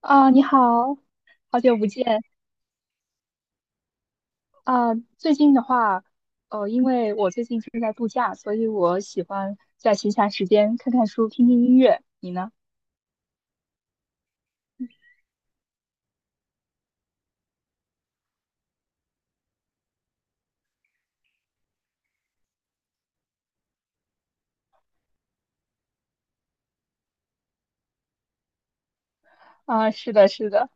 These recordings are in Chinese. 啊，你好，好久不见啊！最近的话，因为我最近正在度假，所以我喜欢在闲暇时间看看书、听听音乐。你呢？啊，是的，是的，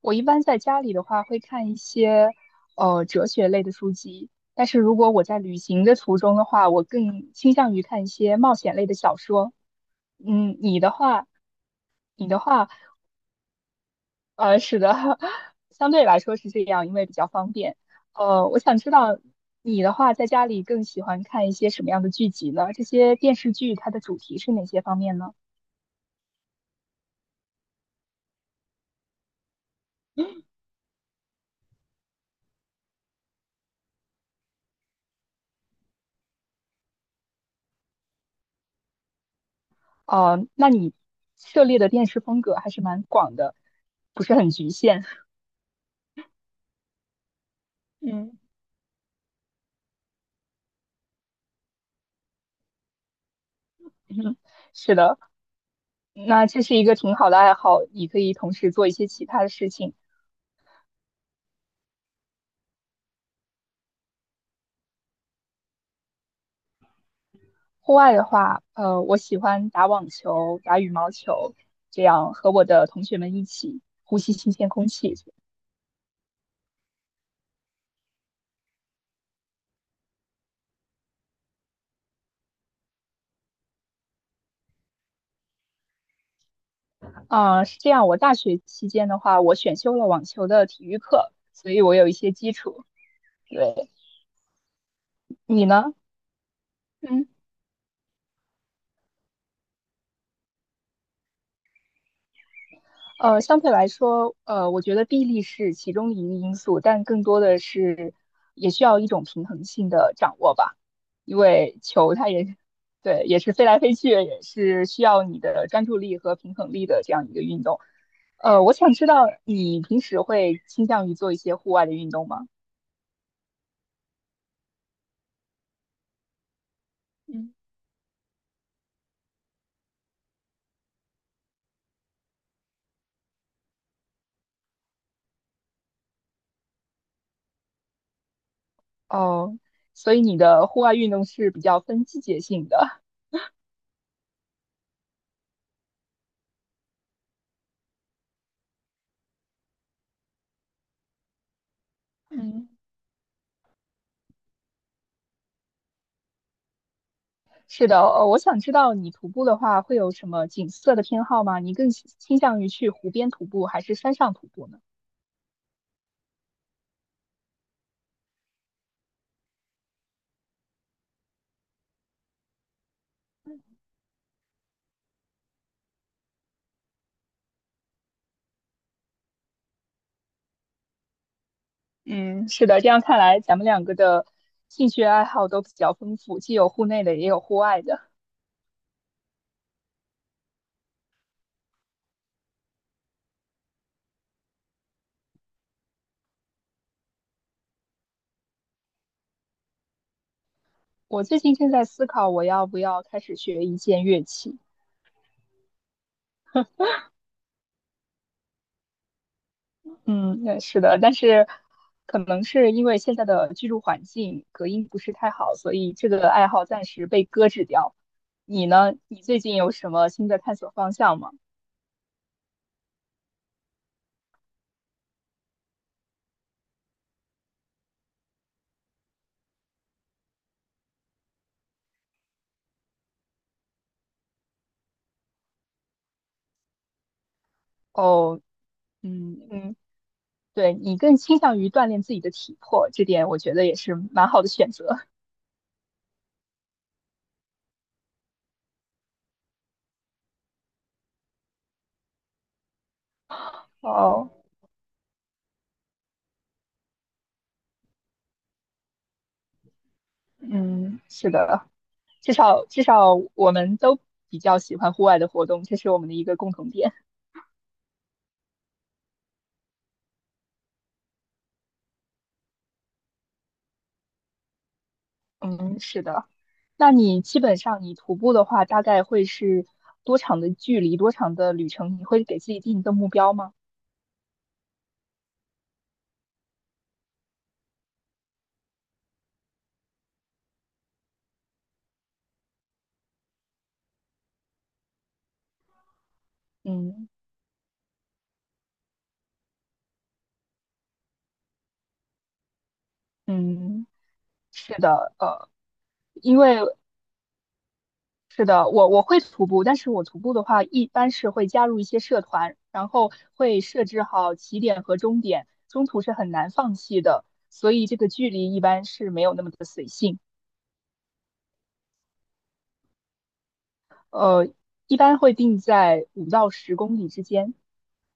我一般在家里的话会看一些哲学类的书籍，但是如果我在旅行的途中的话，我更倾向于看一些冒险类的小说。嗯，你的话，你的话。是的，相对来说是这样，因为比较方便。我想知道你的话，在家里更喜欢看一些什么样的剧集呢？这些电视剧它的主题是哪些方面呢？那你涉猎的电视风格还是蛮广的，不是很局限。嗯，嗯是的，那这是一个挺好的爱好，你可以同时做一些其他的事情。户外的话，我喜欢打网球、打羽毛球，这样和我的同学们一起呼吸新鲜空气。啊，是这样。我大学期间的话，我选修了网球的体育课，所以我有一些基础。对，你呢？嗯，相对来说，我觉得臂力是其中一个因素，但更多的是也需要一种平衡性的掌握吧。因为球它也对，也是飞来飞去，也是需要你的专注力和平衡力的这样一个运动。我想知道你平时会倾向于做一些户外的运动吗？嗯。哦，所以你的户外运动是比较分季节性的。嗯。是的，我想知道你徒步的话会有什么景色的偏好吗？你更倾向于去湖边徒步还是山上徒步呢？嗯，是的，这样看来咱们两个的兴趣爱好都比较丰富，既有户内的，也有户外的。我最近正在思考我要不要开始学一件乐器，嗯，那是的，但是可能是因为现在的居住环境隔音不是太好，所以这个爱好暂时被搁置掉。你呢？你最近有什么新的探索方向吗？哦，嗯，嗯，对，你更倾向于锻炼自己的体魄，这点我觉得也是蛮好的选择。哦，嗯，是的，至少至少我们都比较喜欢户外的活动，这是我们的一个共同点。嗯，是的。那你基本上你徒步的话，大概会是多长的距离，多长的旅程？你会给自己定一个目标吗？嗯嗯，是的，因为是的，我会徒步，但是我徒步的话，一般是会加入一些社团，然后会设置好起点和终点，中途是很难放弃的，所以这个距离一般是没有那么的随性。呃，一般会定在5到10公里之间，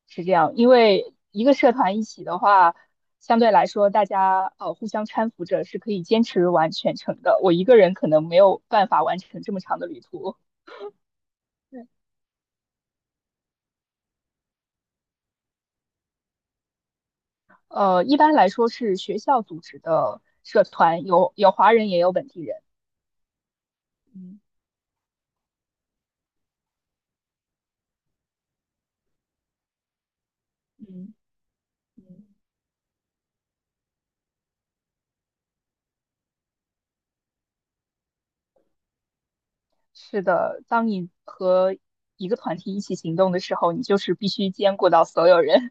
是这样。因为一个社团一起的话，相对来说大家互相搀扶着是可以坚持完全程的。我一个人可能没有办法完成这么长的旅途。对，一般来说是学校组织的社团，有华人也有本地人。嗯嗯，嗯，是的，当你和一个团体一起行动的时候，你就是必须兼顾到所有人。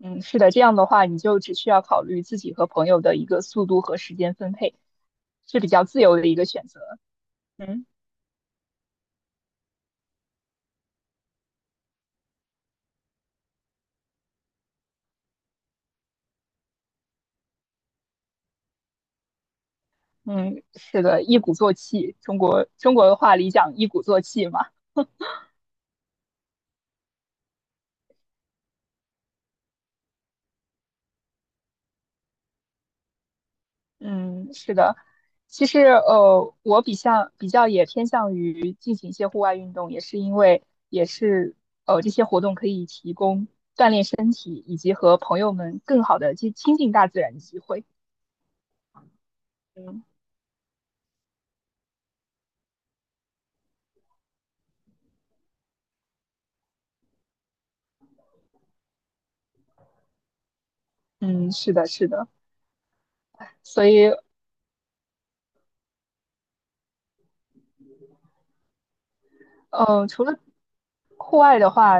嗯，是的，这样的话，你就只需要考虑自己和朋友的一个速度和时间分配，是比较自由的一个选择。嗯嗯，是的，一鼓作气，中国的话里讲一鼓作气嘛。嗯，是的。其实我比较也偏向于进行一些户外运动，也是因为也是这些活动可以提供锻炼身体以及和朋友们更好的去亲近大自然的机会。嗯嗯，是的，是的。所以嗯，除了户外的话，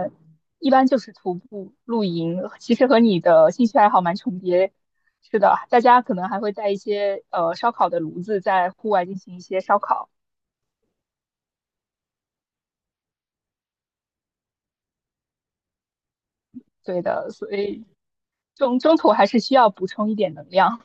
一般就是徒步、露营，其实和你的兴趣爱好蛮重叠。是的，大家可能还会带一些烧烤的炉子，在户外进行一些烧烤。对的，所以中途还是需要补充一点能量。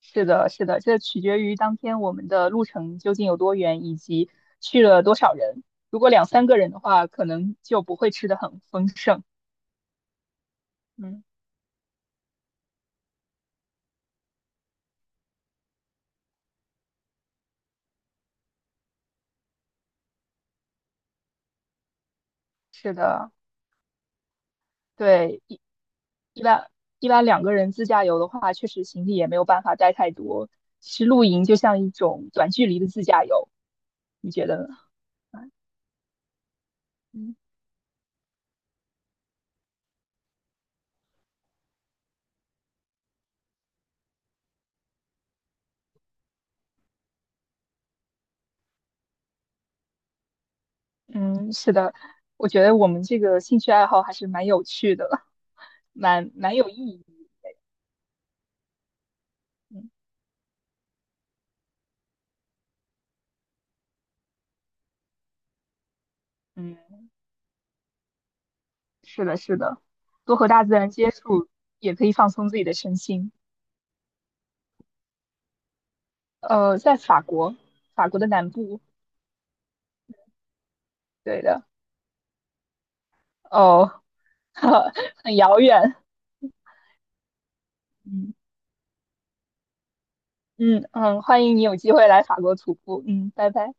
是的，是的，这取决于当天我们的路程究竟有多远，以及去了多少人。如果两三个人的话，可能就不会吃的很丰盛。嗯，是的，对。一般一般两个人自驾游的话，确实行李也没有办法带太多。其实露营就像一种短距离的自驾游，你觉得呢？嗯，嗯，是的，我觉得我们这个兴趣爱好还是蛮有趣的，蛮有意义。嗯嗯，是的，是的，多和大自然接触也可以放松自己的身心。在法国，法国的南部，对的，哦，很遥远。嗯。嗯嗯，欢迎你有机会来法国徒步。嗯，拜拜。